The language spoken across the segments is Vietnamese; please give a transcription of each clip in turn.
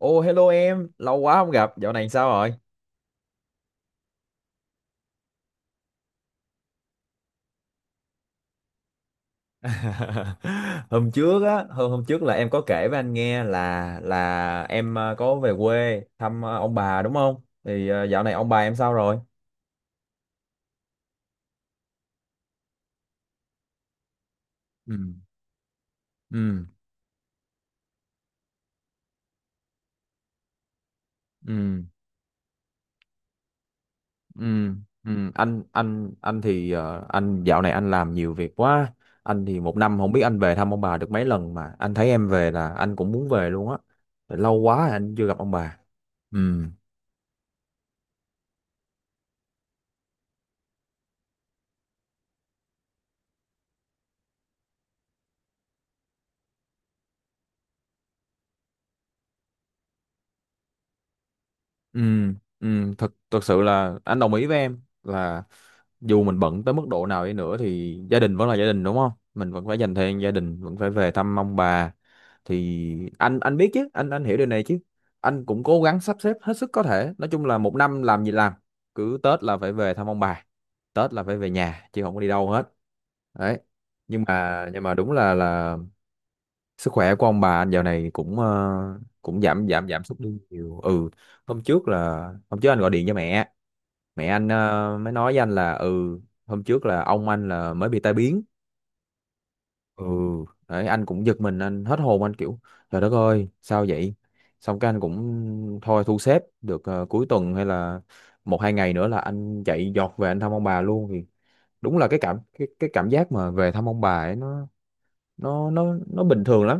Ô, hello em, lâu quá không gặp, dạo này sao rồi? Hôm trước á, hôm hôm trước là em có kể với anh nghe là em có về quê thăm ông bà đúng không? Thì dạo này ông bà em sao rồi? Ừ. Ừ. Ừ. Ừ. Ừ. anh thì anh dạo này anh làm nhiều việc quá. Anh thì một năm không biết anh về thăm ông bà được mấy lần mà anh thấy em về là anh cũng muốn về luôn á. Lâu quá anh chưa gặp ông bà. Ừ. Ừ, ừ, thật thật sự là anh đồng ý với em là dù mình bận tới mức độ nào đi nữa thì gia đình vẫn là gia đình đúng không? Mình vẫn phải dành thời gian gia đình, vẫn phải về thăm ông bà. Thì anh biết chứ, anh hiểu điều này chứ. Anh cũng cố gắng sắp xếp hết sức có thể. Nói chung là một năm làm gì làm, cứ Tết là phải về thăm ông bà, Tết là phải về nhà chứ không có đi đâu hết. Đấy. Nhưng mà đúng là sức khỏe của ông bà dạo này cũng cũng giảm giảm giảm sút đi nhiều. Ừ, hôm trước là hôm trước anh gọi điện cho mẹ, mẹ anh mới nói với anh là ừ hôm trước là ông anh là mới bị tai biến. Ừ, đấy anh cũng giật mình anh hết hồn anh kiểu trời đất ơi sao vậy, xong cái anh cũng thôi thu xếp được cuối tuần hay là một hai ngày nữa là anh chạy giọt về anh thăm ông bà luôn. Thì đúng là cái cảm giác mà về thăm ông bà ấy nó nó bình thường lắm.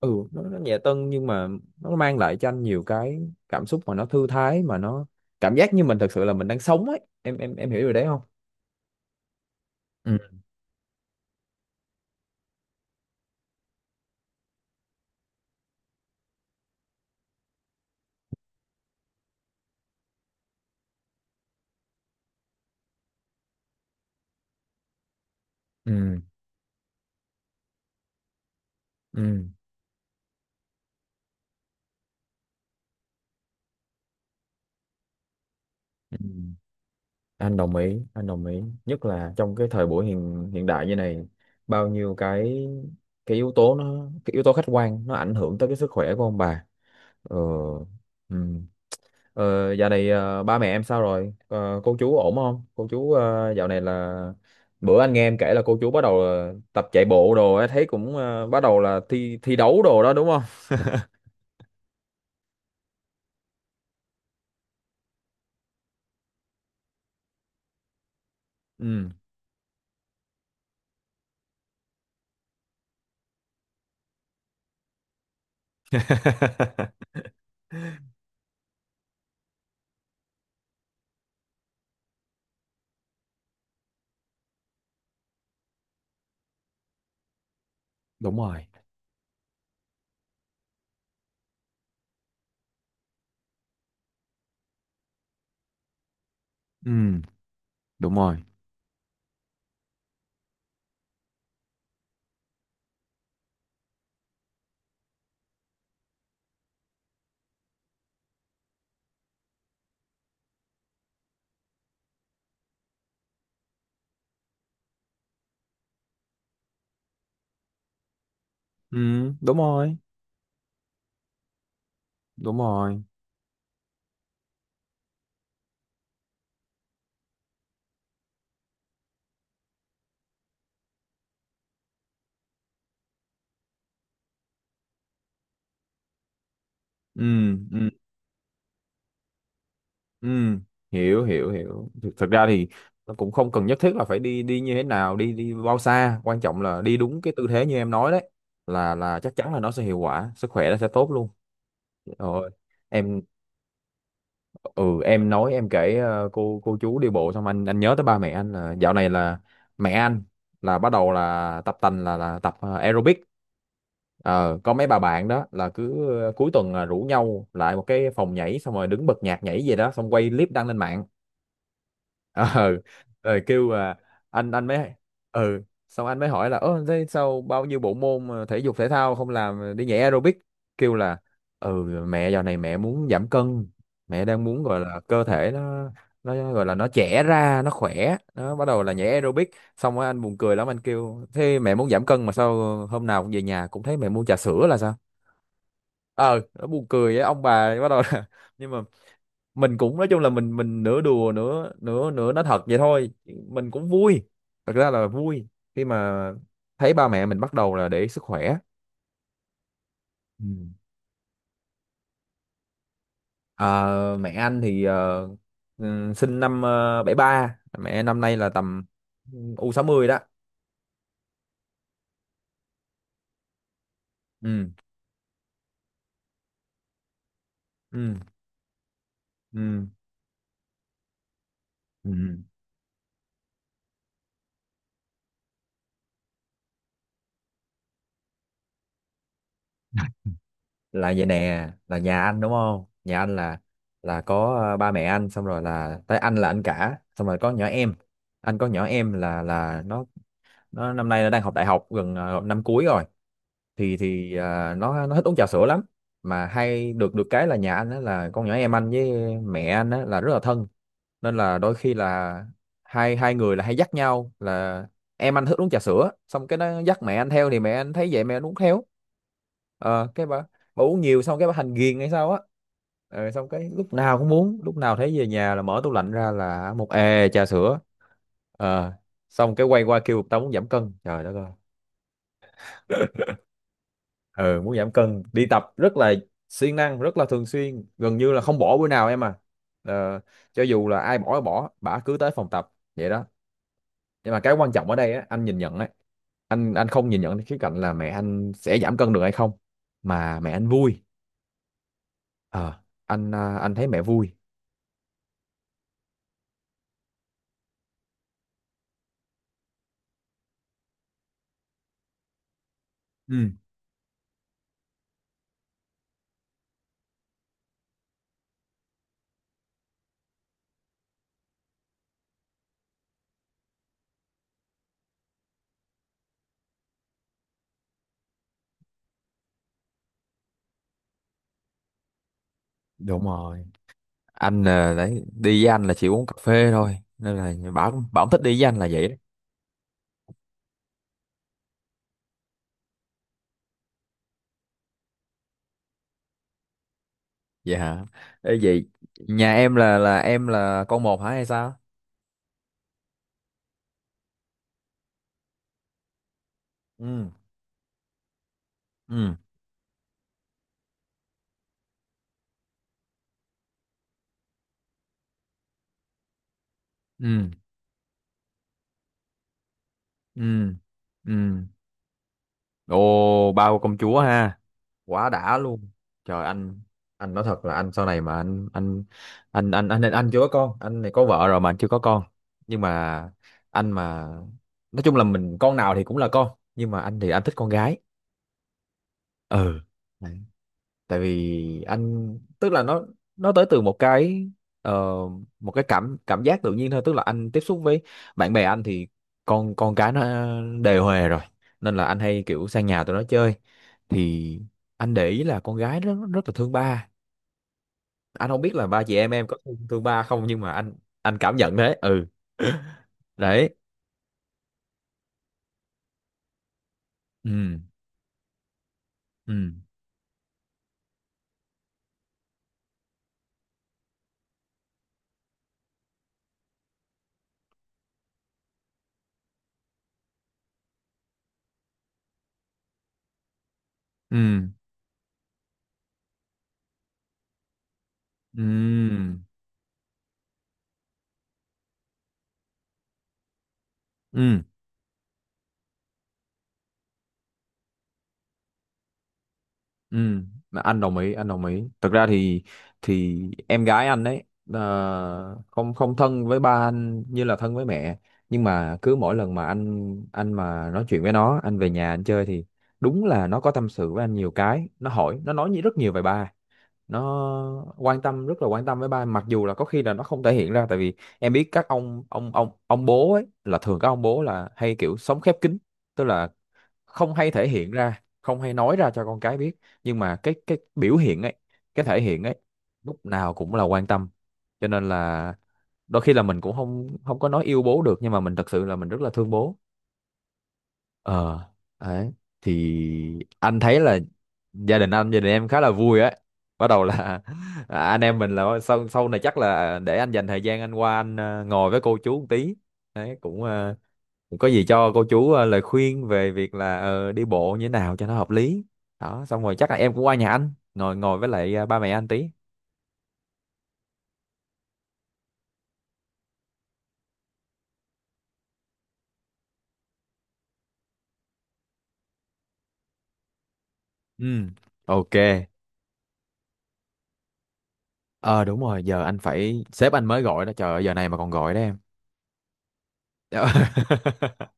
Ừ nó nhẹ tân nhưng mà nó mang lại cho anh nhiều cái cảm xúc mà nó thư thái mà nó cảm giác như mình thật sự là mình đang sống ấy em em hiểu điều đấy không? Ừ. Ừ. Ừ. Ừ. Anh đồng ý anh đồng ý nhất là trong cái thời buổi hiện hiện đại như này bao nhiêu cái yếu tố nó cái yếu tố khách quan nó ảnh hưởng tới cái sức khỏe của ông bà. Ừ. Ừ. Ờ, dạo này ba mẹ em sao rồi? Ờ, cô chú ổn không? Cô chú dạo này là bữa anh nghe em kể là cô chú bắt đầu tập chạy bộ đồ ấy, thấy cũng bắt đầu là thi thi đấu đồ đó đúng không? Ừ. Đúng rồi. Ừ, đúng rồi. Ừ, đúng rồi. Đúng rồi. Ừ. Ừ. Ừ, hiểu hiểu hiểu. Thực ra thì nó cũng không cần nhất thiết là phải đi đi như thế nào, đi đi bao xa, quan trọng là đi đúng cái tư thế như em nói đấy là chắc chắn là nó sẽ hiệu quả, sức khỏe nó sẽ tốt luôn. Rồi em ừ em nói em kể cô chú đi bộ xong anh nhớ tới ba mẹ anh là dạo này là mẹ anh là bắt đầu là tập tành là tập aerobic. Ờ, có mấy bà bạn đó là cứ cuối tuần là rủ nhau lại một cái phòng nhảy xong rồi đứng bật nhạc nhảy gì đó xong quay clip đăng lên mạng ờ rồi kêu là anh mới ừ xong anh mới hỏi là ơ thế sao bao nhiêu bộ môn mà thể dục thể thao không làm đi nhảy aerobic kêu là ừ mẹ dạo này mẹ muốn giảm cân mẹ đang muốn gọi là cơ thể nó gọi là nó trẻ ra nó khỏe nó bắt đầu là nhảy aerobic xong rồi anh buồn cười lắm anh kêu thế mẹ muốn giảm cân mà sao hôm nào cũng về nhà cũng thấy mẹ mua trà sữa là sao. Ờ nó buồn cười với ông bà bắt đầu là nhưng mà mình cũng nói chung là mình nửa đùa nửa nửa nửa nói thật vậy thôi mình cũng vui, thật ra là vui khi mà thấy ba mẹ mình bắt đầu là để ý sức khỏe. Ừ. Ờ, mẹ anh thì ừ, sinh năm 73, mẹ năm nay là tầm u 60 đó. Ừ. Ừ. Ừ. Ừ. Là vậy nè là nhà anh đúng không, nhà anh là có ba mẹ anh xong rồi là tới anh là anh cả xong rồi có nhỏ em. Anh có nhỏ em là nó năm nay nó đang học đại học gần năm cuối rồi thì à, nó thích uống trà sữa lắm, mà hay được được cái là nhà anh á là con nhỏ em anh với mẹ anh á là rất là thân nên là đôi khi là hai hai người là hay dắt nhau là em anh thích uống trà sữa xong cái nó dắt mẹ anh theo thì mẹ anh thấy vậy mẹ anh uống theo ờ cái bà uống nhiều xong cái bà thành ghiền hay sao á, ờ, xong cái lúc nào cũng muốn lúc nào thấy về nhà là mở tủ lạnh ra là một ề trà sữa ờ xong cái quay qua kêu tao muốn giảm cân trời đất ơi. Ờ muốn giảm cân đi tập rất là siêng năng rất là thường xuyên gần như là không bỏ bữa nào em à, ờ, cho dù là ai bỏ thì bỏ bả cứ tới phòng tập vậy đó, nhưng mà cái quan trọng ở đây á, anh nhìn nhận á, anh không nhìn nhận cái khía cạnh là mẹ anh sẽ giảm cân được hay không mà mẹ anh vui. Ờ anh à, anh thấy mẹ vui. Ừ, đúng rồi. Anh là đấy đi với anh là chỉ uống cà phê thôi nên là bảo bảo thích đi với anh là vậy đó. Vậy hả? Ê, vậy nhà em là em là con một hả hay sao? Ừ. Ừ. Ừ. Ừ. Ừ. Ồ, bao công chúa ha. Quá đã luôn. Trời anh nói thật là anh sau này mà anh chưa có con, anh này có vợ rồi mà anh chưa có con, nhưng mà anh mà nói chung là mình con nào thì cũng là con nhưng mà anh thì anh thích con gái. Ừ, tại vì anh tức là nó tới từ một cái ờ, một cái cảm cảm giác tự nhiên thôi tức là anh tiếp xúc với bạn bè anh thì con cái nó đề huề rồi nên là anh hay kiểu sang nhà tụi nó chơi thì anh để ý là con gái rất rất là thương ba, anh không biết là ba chị em có thương, thương ba không nhưng mà anh cảm nhận thế. Ừ, đấy. Ừ. Ừ. Ừ. Ừ. Ừ. Ừ. Ừ, mà anh đồng ý, anh đồng ý. Thực ra thì em gái anh ấy không không thân với ba anh như là thân với mẹ, nhưng mà cứ mỗi lần mà anh mà nói chuyện với nó, anh về nhà anh chơi thì đúng là nó có tâm sự với anh nhiều cái, nó hỏi, nó nói rất nhiều về ba. Nó quan tâm rất là quan tâm với ba mặc dù là có khi là nó không thể hiện ra tại vì em biết các ông bố ấy là thường các ông bố là hay kiểu sống khép kín, tức là không hay thể hiện ra không hay nói ra cho con cái biết nhưng mà cái biểu hiện ấy cái thể hiện ấy lúc nào cũng là quan tâm cho nên là đôi khi là mình cũng không không có nói yêu bố được nhưng mà mình thật sự là mình rất là thương bố. Ờ đấy, thì anh thấy là gia đình anh gia đình em khá là vui á bắt đầu là à, anh em mình là sau sau này chắc là để anh dành thời gian anh qua anh ngồi với cô chú một tí đấy cũng có gì cho cô chú lời khuyên về việc là đi bộ như thế nào cho nó hợp lý đó xong rồi chắc là em cũng qua nhà anh ngồi ngồi với lại ba mẹ anh tí. Ừ, ok. Ờ đúng rồi giờ anh phải sếp anh mới gọi đó trời ơi, giờ này mà còn gọi đó em.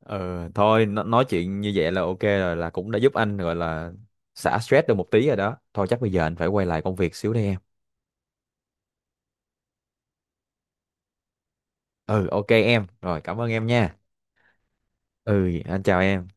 Ừ thôi nói chuyện như vậy là ok rồi là cũng đã giúp anh gọi là xả stress được một tí rồi đó, thôi chắc bây giờ anh phải quay lại công việc xíu đây em. Ừ ok em rồi cảm ơn em nha. Ừ anh chào em.